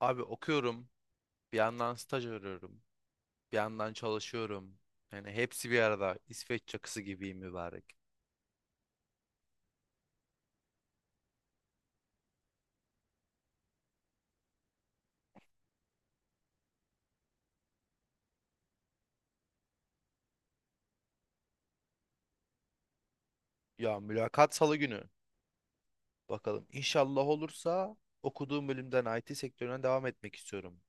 Abi okuyorum, bir yandan staj arıyorum, bir yandan çalışıyorum. Yani hepsi bir arada. İsveç çakısı gibiyim mübarek. Ya mülakat salı günü. Bakalım İnşallah olursa okuduğum bölümden IT sektörüne devam etmek istiyorum.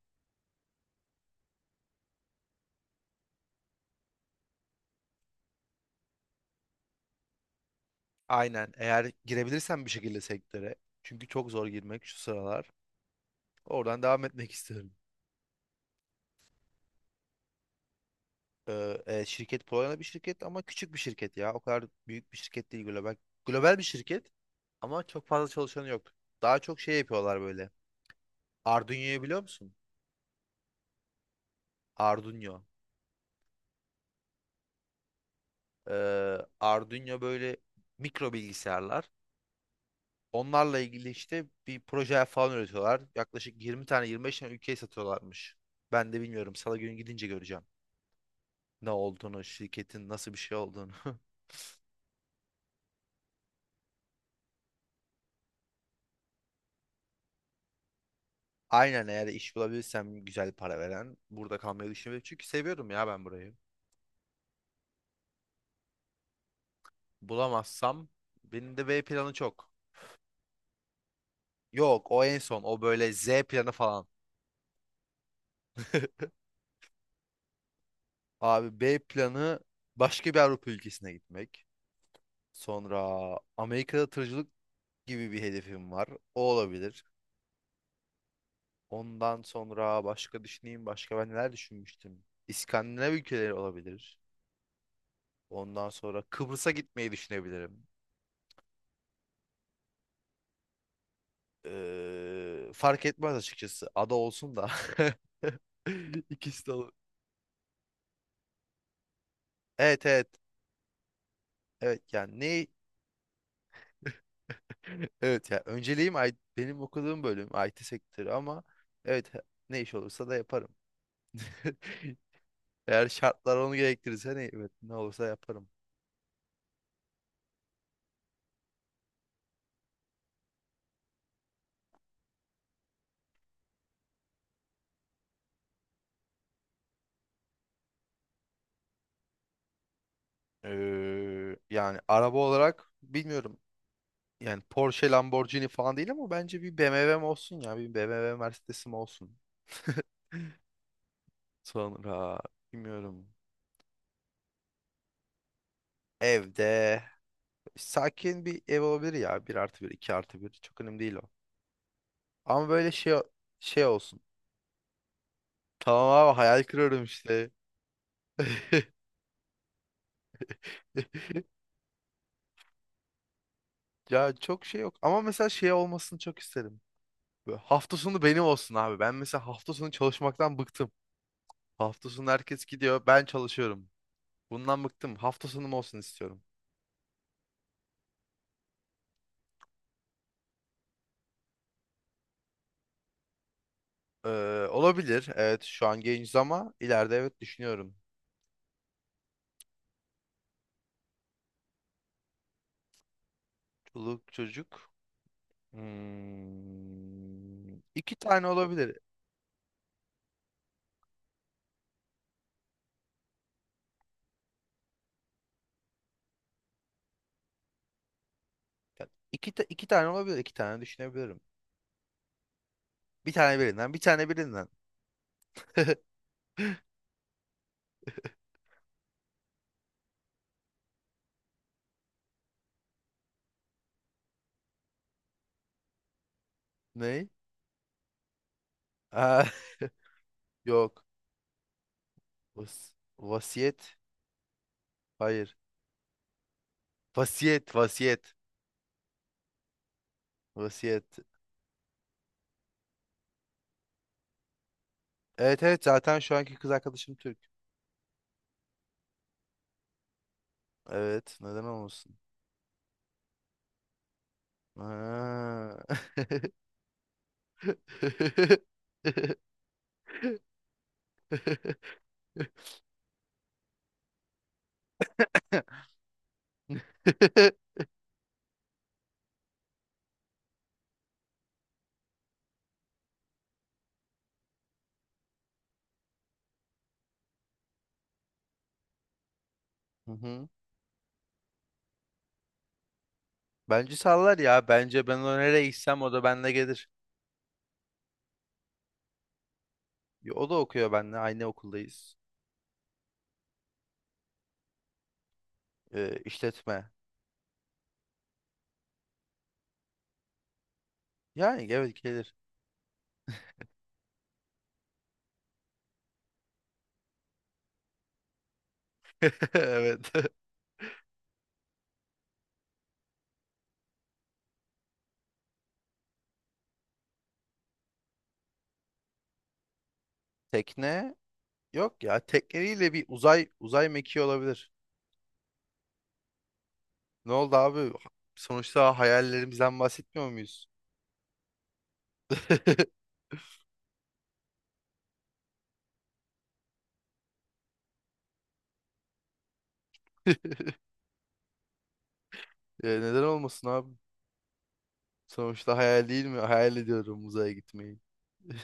Aynen eğer girebilirsem bir şekilde sektöre. Çünkü çok zor girmek şu sıralar. Oradan devam etmek istiyorum. Şirket Polonya'da bir şirket ama küçük bir şirket ya. O kadar büyük bir şirket değil global. Global bir şirket ama çok fazla çalışanı yok. Daha çok şey yapıyorlar böyle. Arduino'yu biliyor musun? Arduino. Arduino böyle mikro bilgisayarlar. Onlarla ilgili işte bir proje falan üretiyorlar. Yaklaşık 20 tane 25 tane ülkeye satıyorlarmış. Ben de bilmiyorum. Salı günü gidince göreceğim. Ne olduğunu, şirketin nasıl bir şey olduğunu. Aynen eğer iş bulabilirsem güzel para veren burada kalmayı düşünüyorum. Çünkü seviyorum ya ben burayı. Bulamazsam benim de B planı çok. Yok o en son o böyle Z planı falan. Abi B planı başka bir Avrupa ülkesine gitmek. Sonra Amerika'da tırcılık gibi bir hedefim var. O olabilir. Ondan sonra başka düşüneyim. Başka ben neler düşünmüştüm? İskandinav ülkeleri olabilir. Ondan sonra Kıbrıs'a gitmeyi düşünebilirim. Fark etmez açıkçası. Ada olsun da. İkisi de olur. Evet, evet. Evet yani ne? Evet ya önceliğim benim okuduğum bölüm IT sektörü ama evet, ne iş olursa da yaparım. Eğer şartlar onu gerektirirse hani evet, ne olursa yaparım. Yani araba olarak bilmiyorum. Yani Porsche, Lamborghini falan değil ama bence bir BMW'm olsun ya. Bir BMW Mercedes'im olsun. Sonra bilmiyorum. Evde sakin bir ev olabilir ya. Bir artı bir, 2 artı bir. Çok önemli değil o. Ama böyle şey olsun. Tamam abi hayal kırıyorum işte. Ya çok şey yok. Ama mesela şey olmasını çok isterim. Böyle hafta sonu benim olsun abi. Ben mesela hafta sonu çalışmaktan bıktım. Hafta sonu herkes gidiyor, ben çalışıyorum. Bundan bıktım. Hafta sonum olsun istiyorum. Olabilir. Evet, şu an genciz ama ileride evet düşünüyorum. Çoluk çocuk. Hmm, iki tane olabilir. Yani iki tane olabilir. İki tane düşünebilirim. Bir tane birinden, bir tane birinden. Ne? Aa, yok. Vas- vasiyet. Hayır. Vasiyet, vasiyet, vasiyet. Evet, evet, zaten şu anki kız arkadaşım Türk. Evet, neden olmasın? Ha. Hı hı. Bence sallar ya. Bence ben ona nereye gitsem o da benimle gelir. Ya, o da okuyor benimle. Aynı okuldayız. İşletme. Yani evet gelir. Evet. Tekne yok ya. Tekneyle bir uzay mekiği olabilir. Ne oldu abi? Sonuçta hayallerimizden bahsetmiyor muyuz? E, neden olmasın abi? Sonuçta hayal değil mi? Hayal ediyorum uzaya gitmeyi.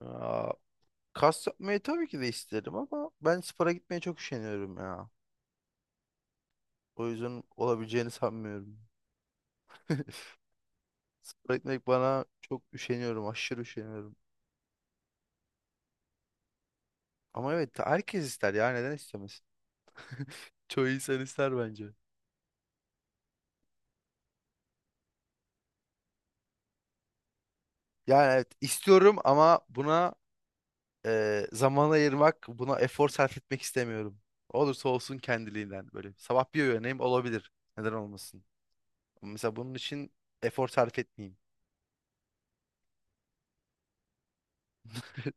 Aa, kas yapmayı tabii ki de isterim ama ben spora gitmeye çok üşeniyorum ya. O yüzden olabileceğini sanmıyorum. Spora gitmek bana çok üşeniyorum, aşırı üşeniyorum. Ama evet herkes ister ya neden istemez? Çoğu insan ister bence. Yani evet istiyorum ama buna zaman ayırmak, buna efor sarf etmek istemiyorum. Olursa olsun kendiliğinden böyle. Sabah bir uyanayım olabilir. Neden olmasın? Ama mesela bunun için efor sarf etmeyeyim.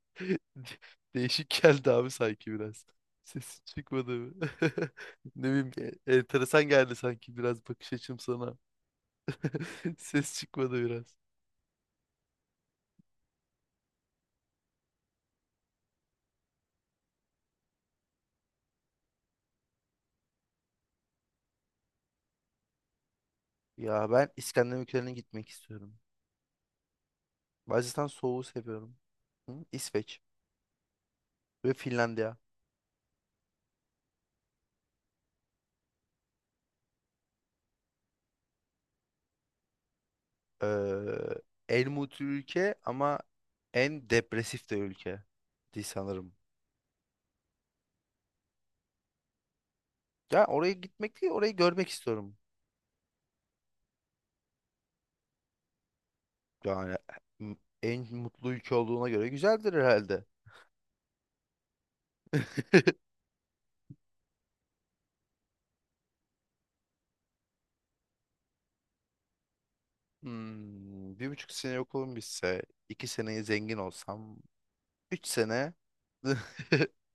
Değişik geldi abi sanki biraz. Sesi çıkmadı mı? Ne bileyim, enteresan geldi sanki biraz bakış açım sana. Ses çıkmadı biraz. Ya ben İskandinav ülkelerine gitmek istiyorum. Bacıstan soğuğu seviyorum. Hı? İsveç ve Finlandiya. eee, en mutlu ülke ama en depresif de ülke diye sanırım. Ya oraya gitmek değil, orayı görmek istiyorum. Yani m- en mutlu ülke olduğuna göre güzeldir herhalde. Hmm, bir buçuk sene okulum bitse, iki seneye zengin olsam, üç sene,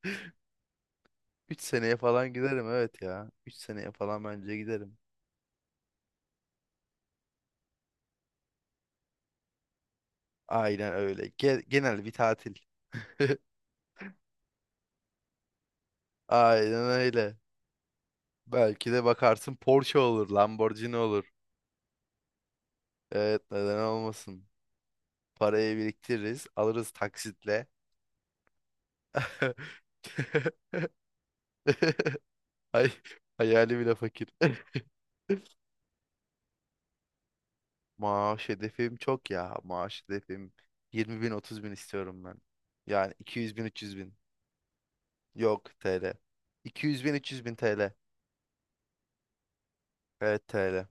üç seneye falan giderim evet ya. Üç seneye falan bence giderim. Aynen öyle. Genel bir tatil. Aynen öyle. Belki de bakarsın Porsche olur, Lamborghini olur. Evet, neden olmasın? Parayı biriktiririz, alırız taksitle. Ay, hayali bile fakir. Maaş hedefim çok ya. Maaş hedefim 20 bin 30 bin istiyorum ben. Yani 200 bin 300 bin. Yok TL. 200 bin 300 bin TL. Evet TL.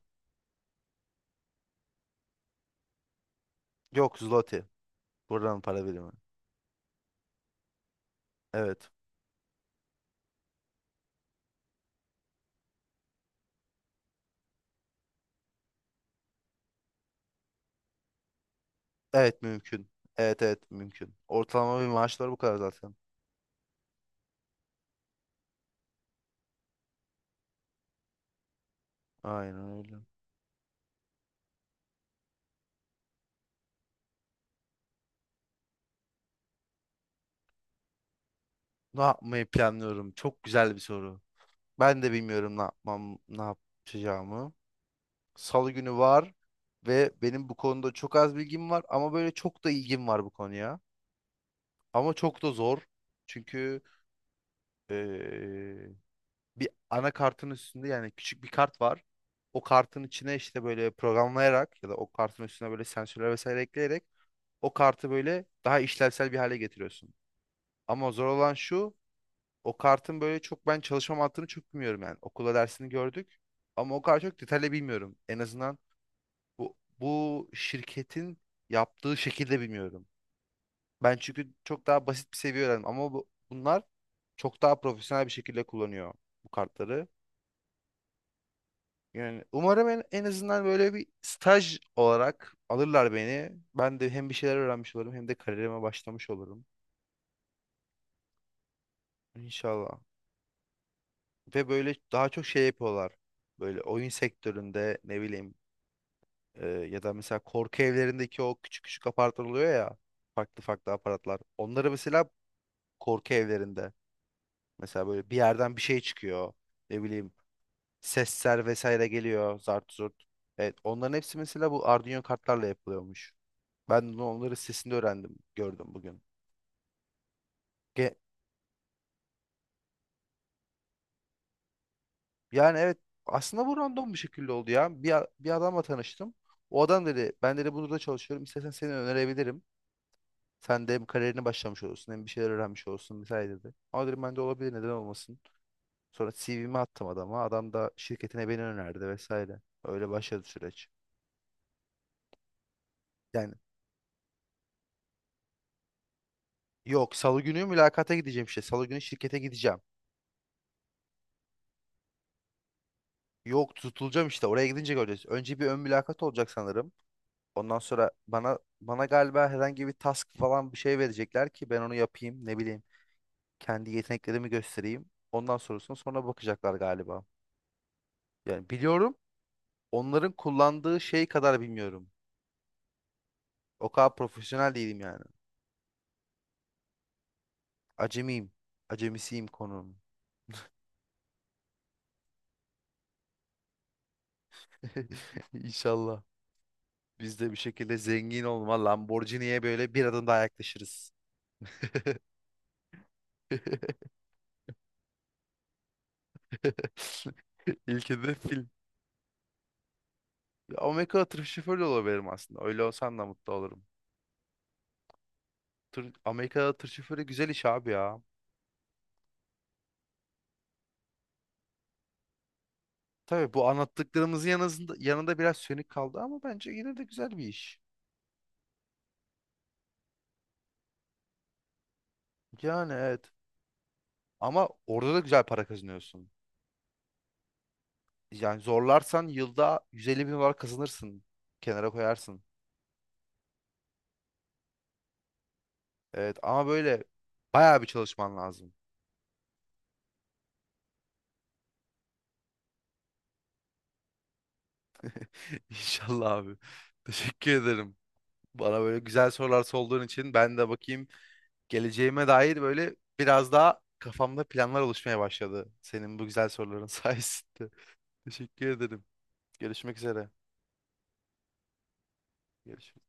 Yok zloty. Buradan para birimi. Evet. Evet mümkün. Evet, evet, mümkün. Ortalama bir maaşlar bu kadar zaten. Aynen öyle. Ne yapmayı planlıyorum? Çok güzel bir soru. Ben de bilmiyorum ne yapmam, ne yapacağımı. Salı günü var ve benim bu konuda çok az bilgim var ama böyle çok da ilgim var bu konuya. Ama çok da zor. Çünkü eee, bir anakartın üstünde yani küçük bir kart var. O kartın içine işte böyle programlayarak ya da o kartın üstüne böyle sensörler vesaire ekleyerek o kartı böyle daha işlevsel bir hale getiriyorsun. Ama zor olan şu. O kartın böyle çok ben çalışma mantığını çok bilmiyorum yani. Okula dersini gördük ama o kadar çok detaylı bilmiyorum. En azından bu, bu şirketin yaptığı şekilde bilmiyorum. Ben çünkü çok daha basit bir seviye öğrendim ama bu, bunlar çok daha profesyonel bir şekilde kullanıyor bu kartları. Yani umarım en azından böyle bir staj olarak alırlar beni. Ben de hem bir şeyler öğrenmiş olurum hem de kariyerime başlamış olurum. İnşallah. Ve böyle daha çok şey yapıyorlar. Böyle oyun sektöründe ne bileyim. Ya da mesela korku evlerindeki o küçük küçük apartlar oluyor ya. Farklı farklı aparatlar. Onları mesela korku evlerinde. Mesela böyle bir yerden bir şey çıkıyor. Ne bileyim sesler vesaire geliyor. Zart zurt. Evet onların hepsi mesela bu Arduino kartlarla yapılıyormuş. Ben de onları sesinde öğrendim. Gördüm bugün. Ge- yani evet aslında bu random bir şekilde oldu ya. Bir adamla tanıştım. O adam dedi ben dedi burada çalışıyorum. İstersen seni önerebilirim. Sen de hem kariyerini başlamış olursun hem bir şeyler öğrenmiş olursun vesaire dedi. Ama dedim ben de olabilir neden olmasın. Sonra CV'mi attım adama. Adam da şirketine beni önerdi vesaire. Öyle başladı süreç. Yani yok salı günü mülakata gideceğim işte. Salı günü şirkete gideceğim. Yok tutulacağım işte oraya gidince göreceğiz. Önce bir ön mülakat olacak sanırım. Ondan sonra bana galiba herhangi bir task falan bir şey verecekler ki ben onu yapayım ne bileyim. Kendi yeteneklerimi göstereyim. Ondan sonrasını sonra bakacaklar galiba. Yani biliyorum. Onların kullandığı şey kadar bilmiyorum. O kadar profesyonel değilim yani. Acemiyim. Acemisiyim konum. İnşallah. Biz de bir şekilde zengin olma Lamborghini'ye böyle bir adım daha yaklaşırız. İlk hedef film. Amerika'da tır şoförü de olabilirim aslında. Öyle olsam da mutlu olurum. Tır, Amerika'da tır şoförü güzel iş abi ya. Tabii bu anlattıklarımızın yanında, yanında biraz sönük kaldı ama bence yine de güzel bir iş. Yani evet. Ama orada da güzel para kazanıyorsun. Yani zorlarsan yılda 150 bin dolar kazanırsın. Kenara koyarsın. Evet ama böyle bayağı bir çalışman lazım. İnşallah abi. Teşekkür ederim. Bana böyle güzel sorular sorduğun için ben de bakayım geleceğime dair böyle biraz daha kafamda planlar oluşmaya başladı. Senin bu güzel soruların sayesinde. Teşekkür ederim. Görüşmek üzere. Görüşürüz.